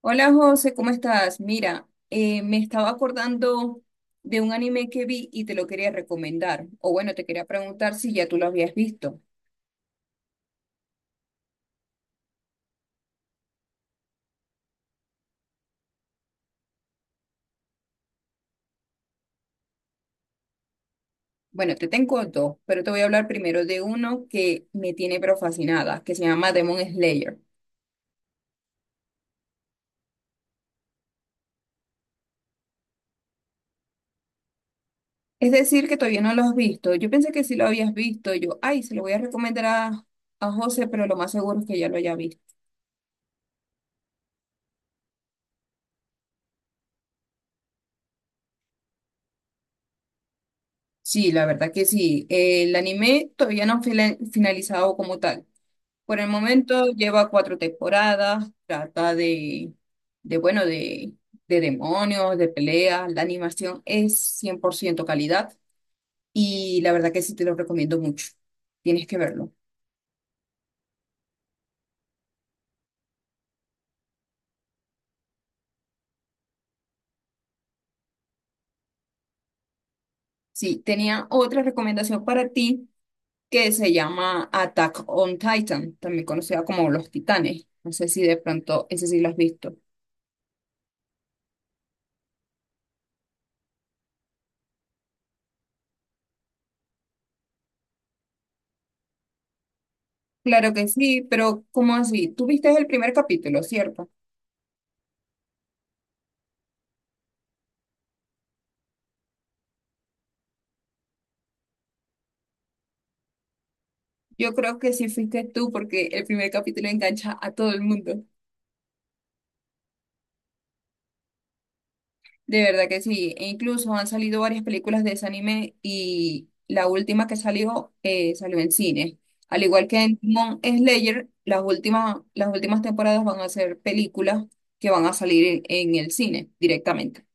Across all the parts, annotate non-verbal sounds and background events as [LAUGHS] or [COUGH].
Hola José, ¿cómo estás? Mira, me estaba acordando de un anime que vi y te lo quería recomendar. O bueno, te quería preguntar si ya tú lo habías visto. Bueno, te tengo dos, pero te voy a hablar primero de uno que me tiene pero fascinada, que se llama Demon Slayer. Es decir, que todavía no lo has visto. Yo pensé que sí lo habías visto. Yo, ay, se lo voy a recomendar a José, pero lo más seguro es que ya lo haya visto. Sí, la verdad que sí. El anime todavía no ha finalizado como tal. Por el momento lleva 4 temporadas, trata de bueno, de demonios, de peleas, la animación es 100% calidad y la verdad que sí te lo recomiendo mucho, tienes que verlo. Sí, tenía otra recomendación para ti que se llama Attack on Titan, también conocida como Los Titanes, no sé si de pronto ese sí lo has visto. Claro que sí, pero ¿cómo así? Tú viste el primer capítulo, ¿cierto? Yo creo que sí fuiste tú porque el primer capítulo engancha a todo el mundo. De verdad que sí. E incluso han salido varias películas de ese anime y la última que salió salió en cine. Al igual que en Demon Slayer, las últimas temporadas van a ser películas que van a salir en el cine directamente.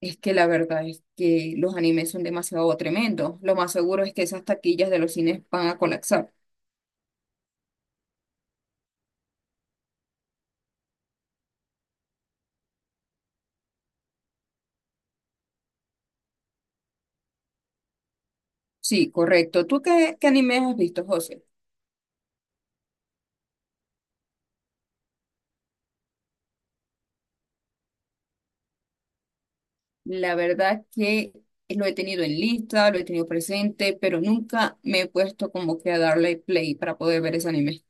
Es que la verdad es que los animes son demasiado tremendos. Lo más seguro es que esas taquillas de los cines van a colapsar. Sí, correcto. ¿Tú qué, qué animes has visto, José? La verdad que lo he tenido en lista, lo he tenido presente, pero nunca me he puesto como que a darle play para poder ver ese anime.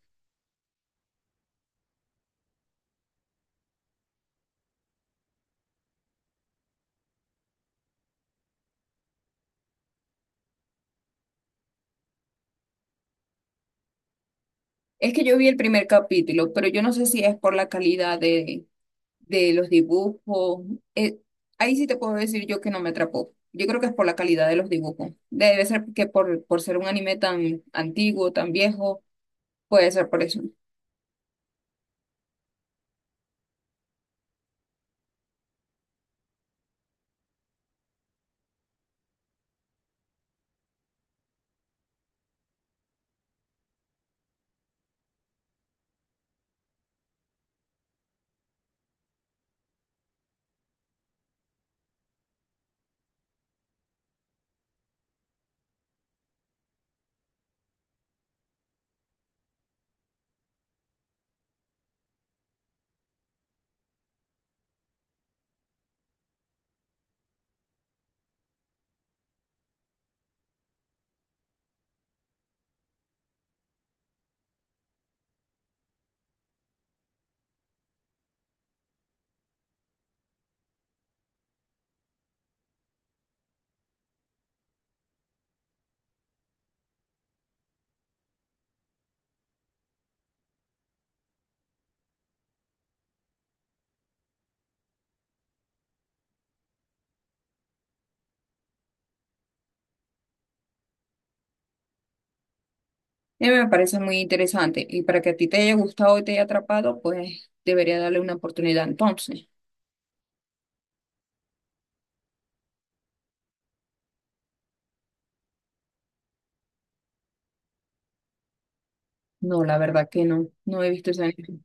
Es que yo vi el primer capítulo, pero yo no sé si es por la calidad de los dibujos. Eh, ahí sí te puedo decir yo que no me atrapó. Yo creo que es por la calidad de los dibujos. Debe ser que por ser un anime tan antiguo, tan viejo, puede ser por eso. Y me parece muy interesante. Y para que a ti te haya gustado y te haya atrapado, pues debería darle una oportunidad entonces. No, la verdad que no, no he visto ese anime.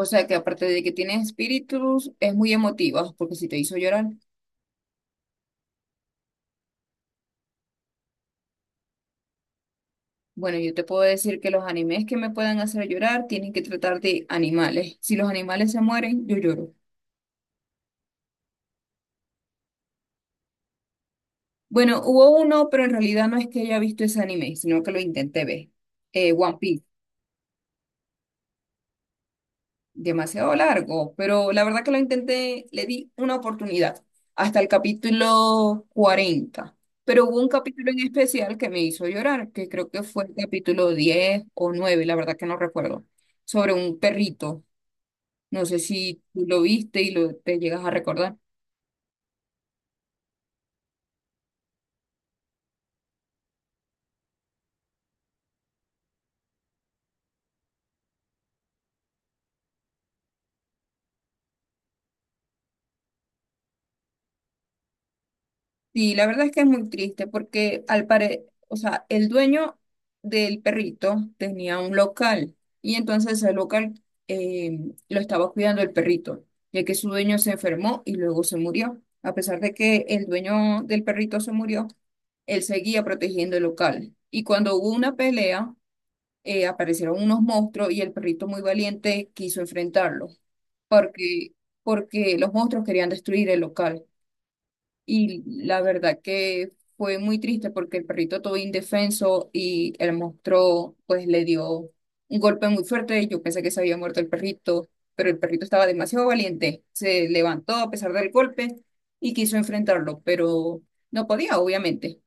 O sea que aparte de que tiene espíritus, es muy emotiva, porque si te hizo llorar, bueno, yo te puedo decir que los animes que me puedan hacer llorar tienen que tratar de animales. Si los animales se mueren, yo lloro. Bueno, hubo uno, pero en realidad no es que haya visto ese anime, sino que lo intenté ver. One Piece. Demasiado largo, pero la verdad que lo intenté, le di una oportunidad hasta el capítulo 40, pero hubo un capítulo en especial que me hizo llorar, que creo que fue el capítulo 10 o 9, la verdad que no recuerdo, sobre un perrito. No sé si tú lo viste y lo, te llegas a recordar. Sí, la verdad es que es muy triste porque al pare, o sea, el dueño del perrito tenía un local y entonces el local lo estaba cuidando el perrito, ya que su dueño se enfermó y luego se murió. A pesar de que el dueño del perrito se murió, él seguía protegiendo el local. Y cuando hubo una pelea, aparecieron unos monstruos y el perrito muy valiente quiso enfrentarlo porque, porque los monstruos querían destruir el local. Y la verdad que fue muy triste porque el perrito todo indefenso y el monstruo pues le dio un golpe muy fuerte. Yo pensé que se había muerto el perrito, pero el perrito estaba demasiado valiente. Se levantó a pesar del golpe y quiso enfrentarlo, pero no podía, obviamente.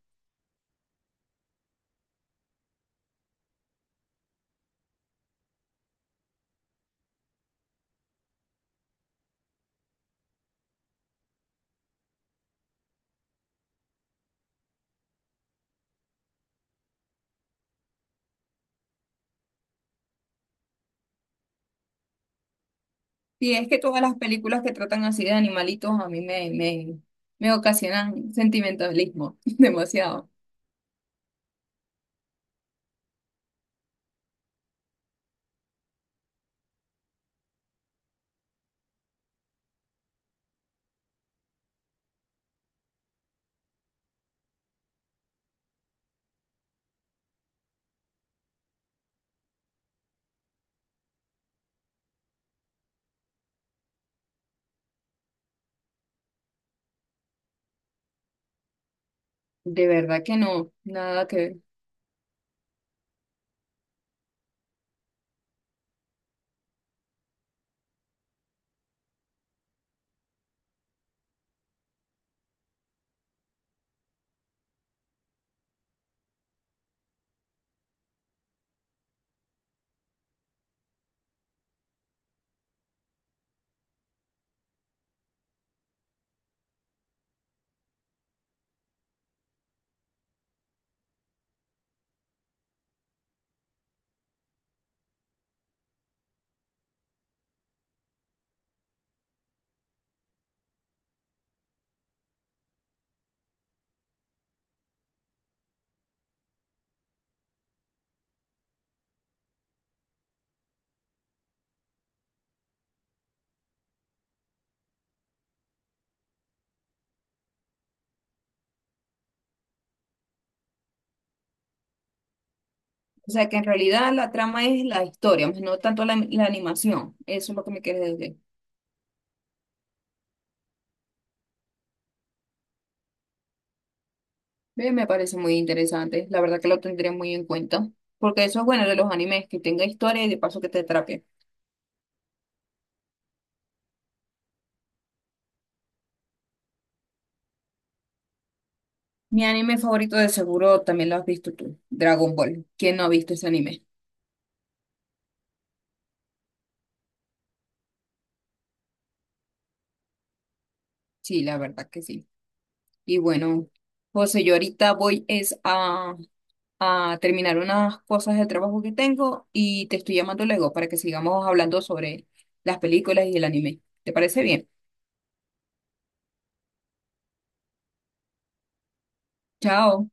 Y es que todas las películas que tratan así de animalitos a mí me, me, me ocasionan sentimentalismo [LAUGHS] demasiado. De verdad que no, nada que ver. O sea que en realidad la trama es la historia, más no tanto la, la animación. Eso es lo que me quieres decir. Ve, me parece muy interesante. La verdad que lo tendré muy en cuenta. Porque eso es bueno de los animes, que tenga historia y de paso que te atrape. Mi anime favorito de seguro también lo has visto tú, Dragon Ball. ¿Quién no ha visto ese anime? Sí, la verdad que sí. Y bueno, José, yo ahorita voy es a terminar unas cosas de trabajo que tengo y te estoy llamando luego para que sigamos hablando sobre las películas y el anime. ¿Te parece bien? Chao.